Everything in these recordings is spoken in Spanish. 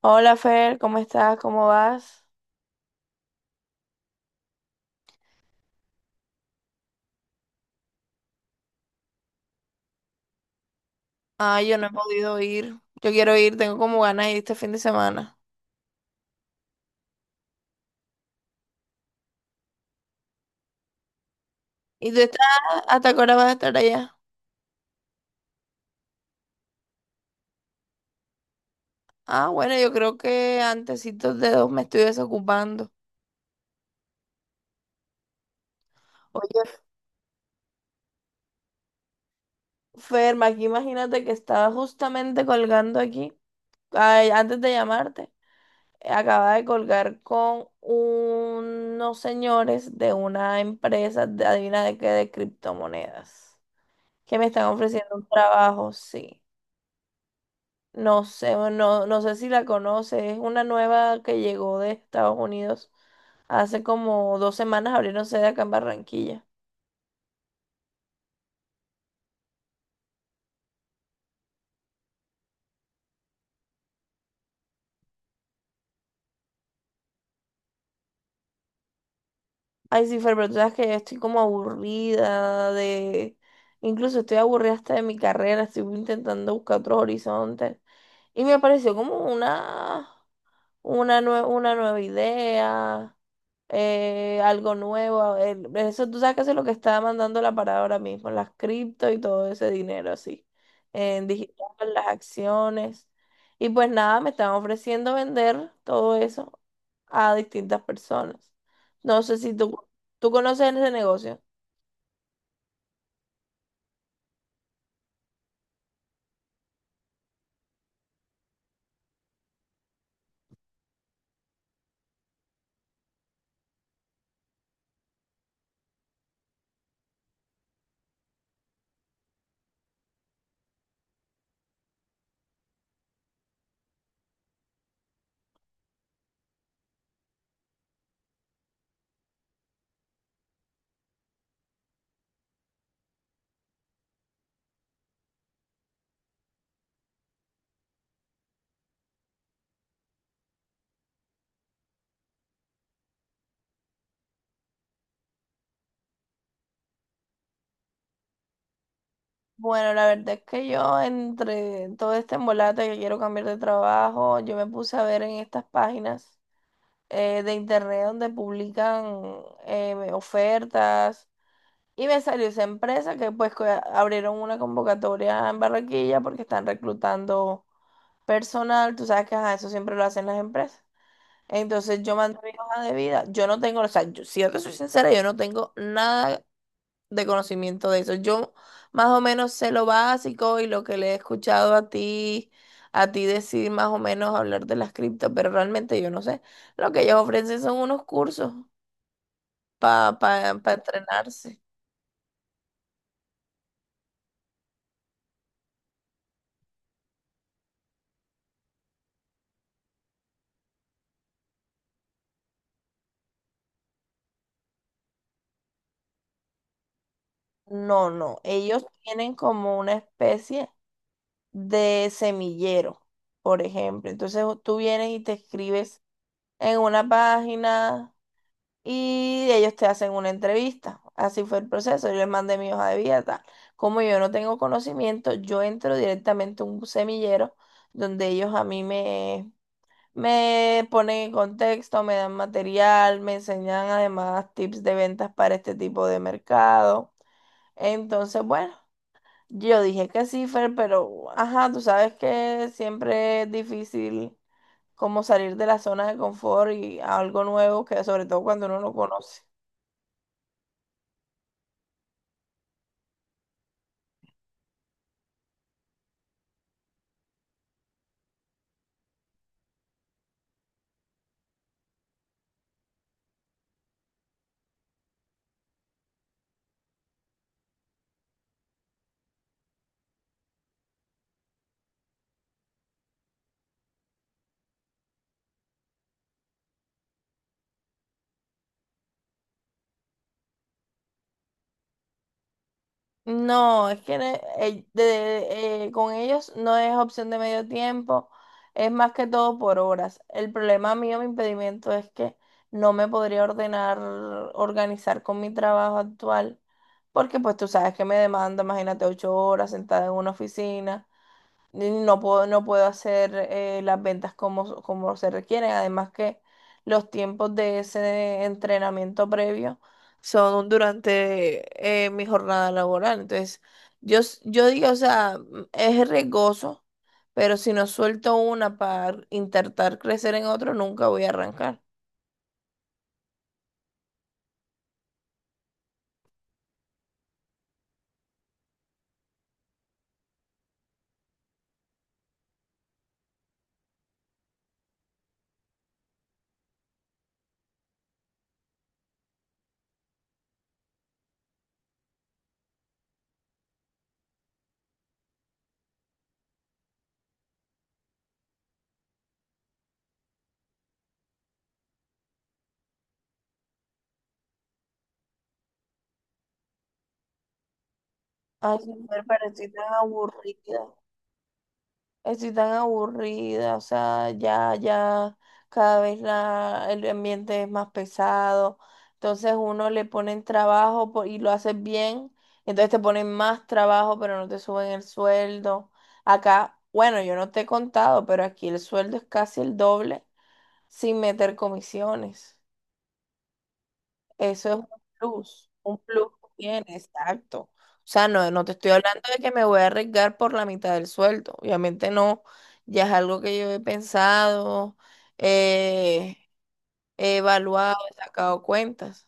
Hola Fer, ¿cómo estás? ¿Cómo vas? Ay, yo no he podido ir. Yo quiero ir, tengo como ganas de ir este fin de semana. ¿Y tú estás? ¿Hasta qué hora vas a estar allá? Ah, bueno, yo creo que antesitos de 2 me estoy desocupando. Oye, Fer, aquí imagínate que estaba justamente colgando aquí, ay, antes de llamarte, acaba de colgar con unos señores de una empresa, adivina de qué, de criptomonedas, que me están ofreciendo un trabajo, sí. No sé, no, no sé si la conoces. Es una nueva que llegó de Estados Unidos. Hace como 2 semanas abrieron sede acá en Barranquilla. Ay, sí, Fer, pero tú sabes que estoy como aburrida de. Incluso estoy aburrida hasta de mi carrera. Estoy intentando buscar otros horizontes. Y me pareció como una una nueva idea, algo nuevo. El- eso tú sabes que eso es lo que está mandando la parada ahora mismo, las cripto y todo ese dinero así, en digital, las acciones. Y pues nada, me están ofreciendo vender todo eso a distintas personas. No sé si tú conoces ese negocio. Bueno, la verdad es que yo, entre todo este embolate que quiero cambiar de trabajo, yo me puse a ver en estas páginas de internet donde publican ofertas. Y me salió esa empresa que pues abrieron una convocatoria en Barranquilla porque están reclutando personal. Tú sabes que ajá, eso siempre lo hacen las empresas. Entonces yo mandé mi hoja de vida. Yo no tengo, o sea, si yo te soy sincera, yo no tengo nada de conocimiento de eso. Yo más o menos sé lo básico y lo que le he escuchado a ti, decir, más o menos, hablar de las cripto, pero realmente yo no sé. Lo que ellos ofrecen son unos cursos para entrenarse. No, no, ellos tienen como una especie de semillero, por ejemplo. Entonces tú vienes y te escribes en una página, y ellos te hacen una entrevista. Así fue el proceso. Yo les mandé mi hoja de vida, tal. Como yo no tengo conocimiento, yo entro directamente a un semillero donde ellos a mí me ponen en contexto, me dan material, me enseñan además tips de ventas para este tipo de mercado. Entonces, bueno, yo dije que sí, Fer, pero ajá, tú sabes que siempre es difícil como salir de la zona de confort y a algo nuevo, que sobre todo cuando uno no conoce. No, es que con ellos no es opción de medio tiempo, es más que todo por horas. El problema mío, mi impedimento, es que no me podría ordenar, organizar con mi trabajo actual, porque pues tú sabes que me demanda, imagínate, 8 horas sentada en una oficina. No puedo hacer, las ventas, como se requieren. Además que los tiempos de ese entrenamiento previo son durante mi jornada laboral. Entonces, yo digo, o sea, es riesgoso, pero si no suelto una para intentar crecer en otro, nunca voy a arrancar. Ay, sí, me parece tan aburrida. Estoy tan aburrida, o sea, ya, ya cada vez el ambiente es más pesado. Entonces uno, le ponen trabajo y lo haces bien, entonces te ponen más trabajo, pero no te suben el sueldo. Acá, bueno, yo no te he contado, pero aquí el sueldo es casi el doble sin meter comisiones. Eso es un plus que tiene, exacto. O sea, no, no te estoy hablando de que me voy a arriesgar por la mitad del sueldo. Obviamente no, ya es algo que yo he pensado, eh, he evaluado, he sacado cuentas.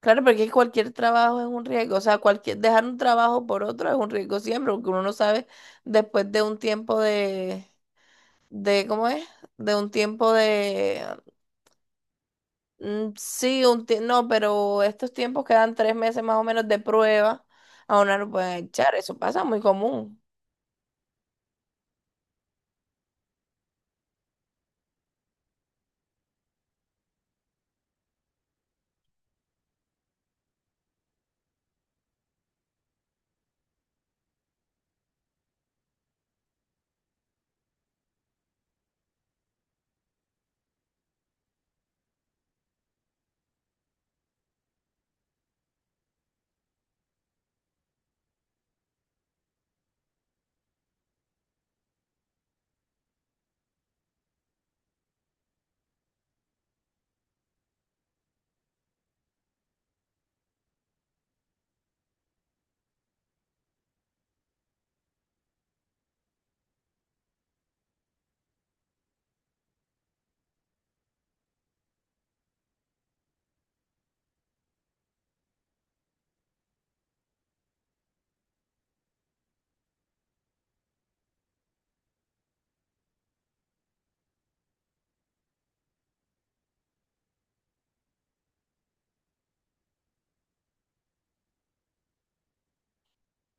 Claro, porque cualquier trabajo es un riesgo. O sea, cualquier, dejar un trabajo por otro es un riesgo siempre, porque uno no sabe después de un tiempo de, ¿cómo es? De un tiempo de. Mm, sí, no, pero estos tiempos quedan 3 meses más o menos de prueba. A una lo pueden echar, eso pasa muy común.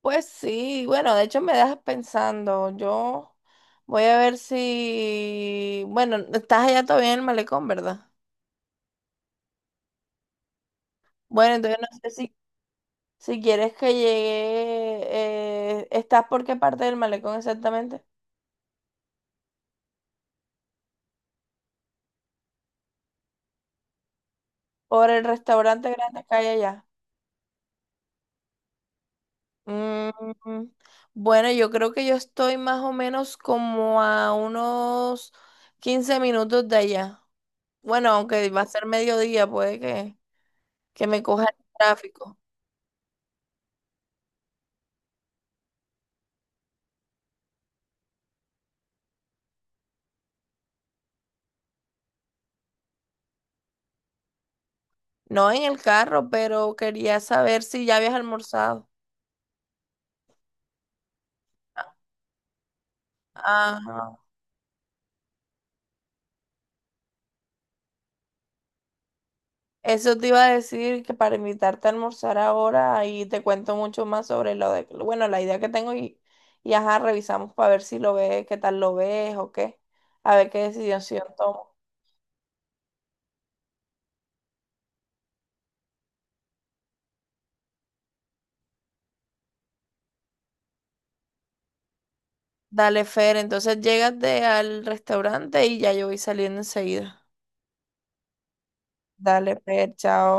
Pues sí, bueno, de hecho me dejas pensando. Yo voy a ver si, bueno, estás allá todavía en el malecón, ¿verdad? Bueno, entonces no sé si quieres que llegue, ¿estás por qué parte del malecón exactamente? Por el restaurante grande que hay allá. Mm, bueno, yo creo que yo estoy más o menos como a unos 15 minutos de allá. Bueno, aunque va a ser mediodía, puede que me coja el tráfico. No en el carro, pero quería saber si ya habías almorzado. Ajá. Eso te iba a decir, que para invitarte a almorzar ahora y te cuento mucho más sobre lo de, bueno, la idea que tengo y ajá, revisamos para ver si lo ves, qué tal lo ves o qué, a ver qué decisión tomo. Dale, Fer, entonces llégate al restaurante y ya yo voy saliendo enseguida. Dale, Fer, chao.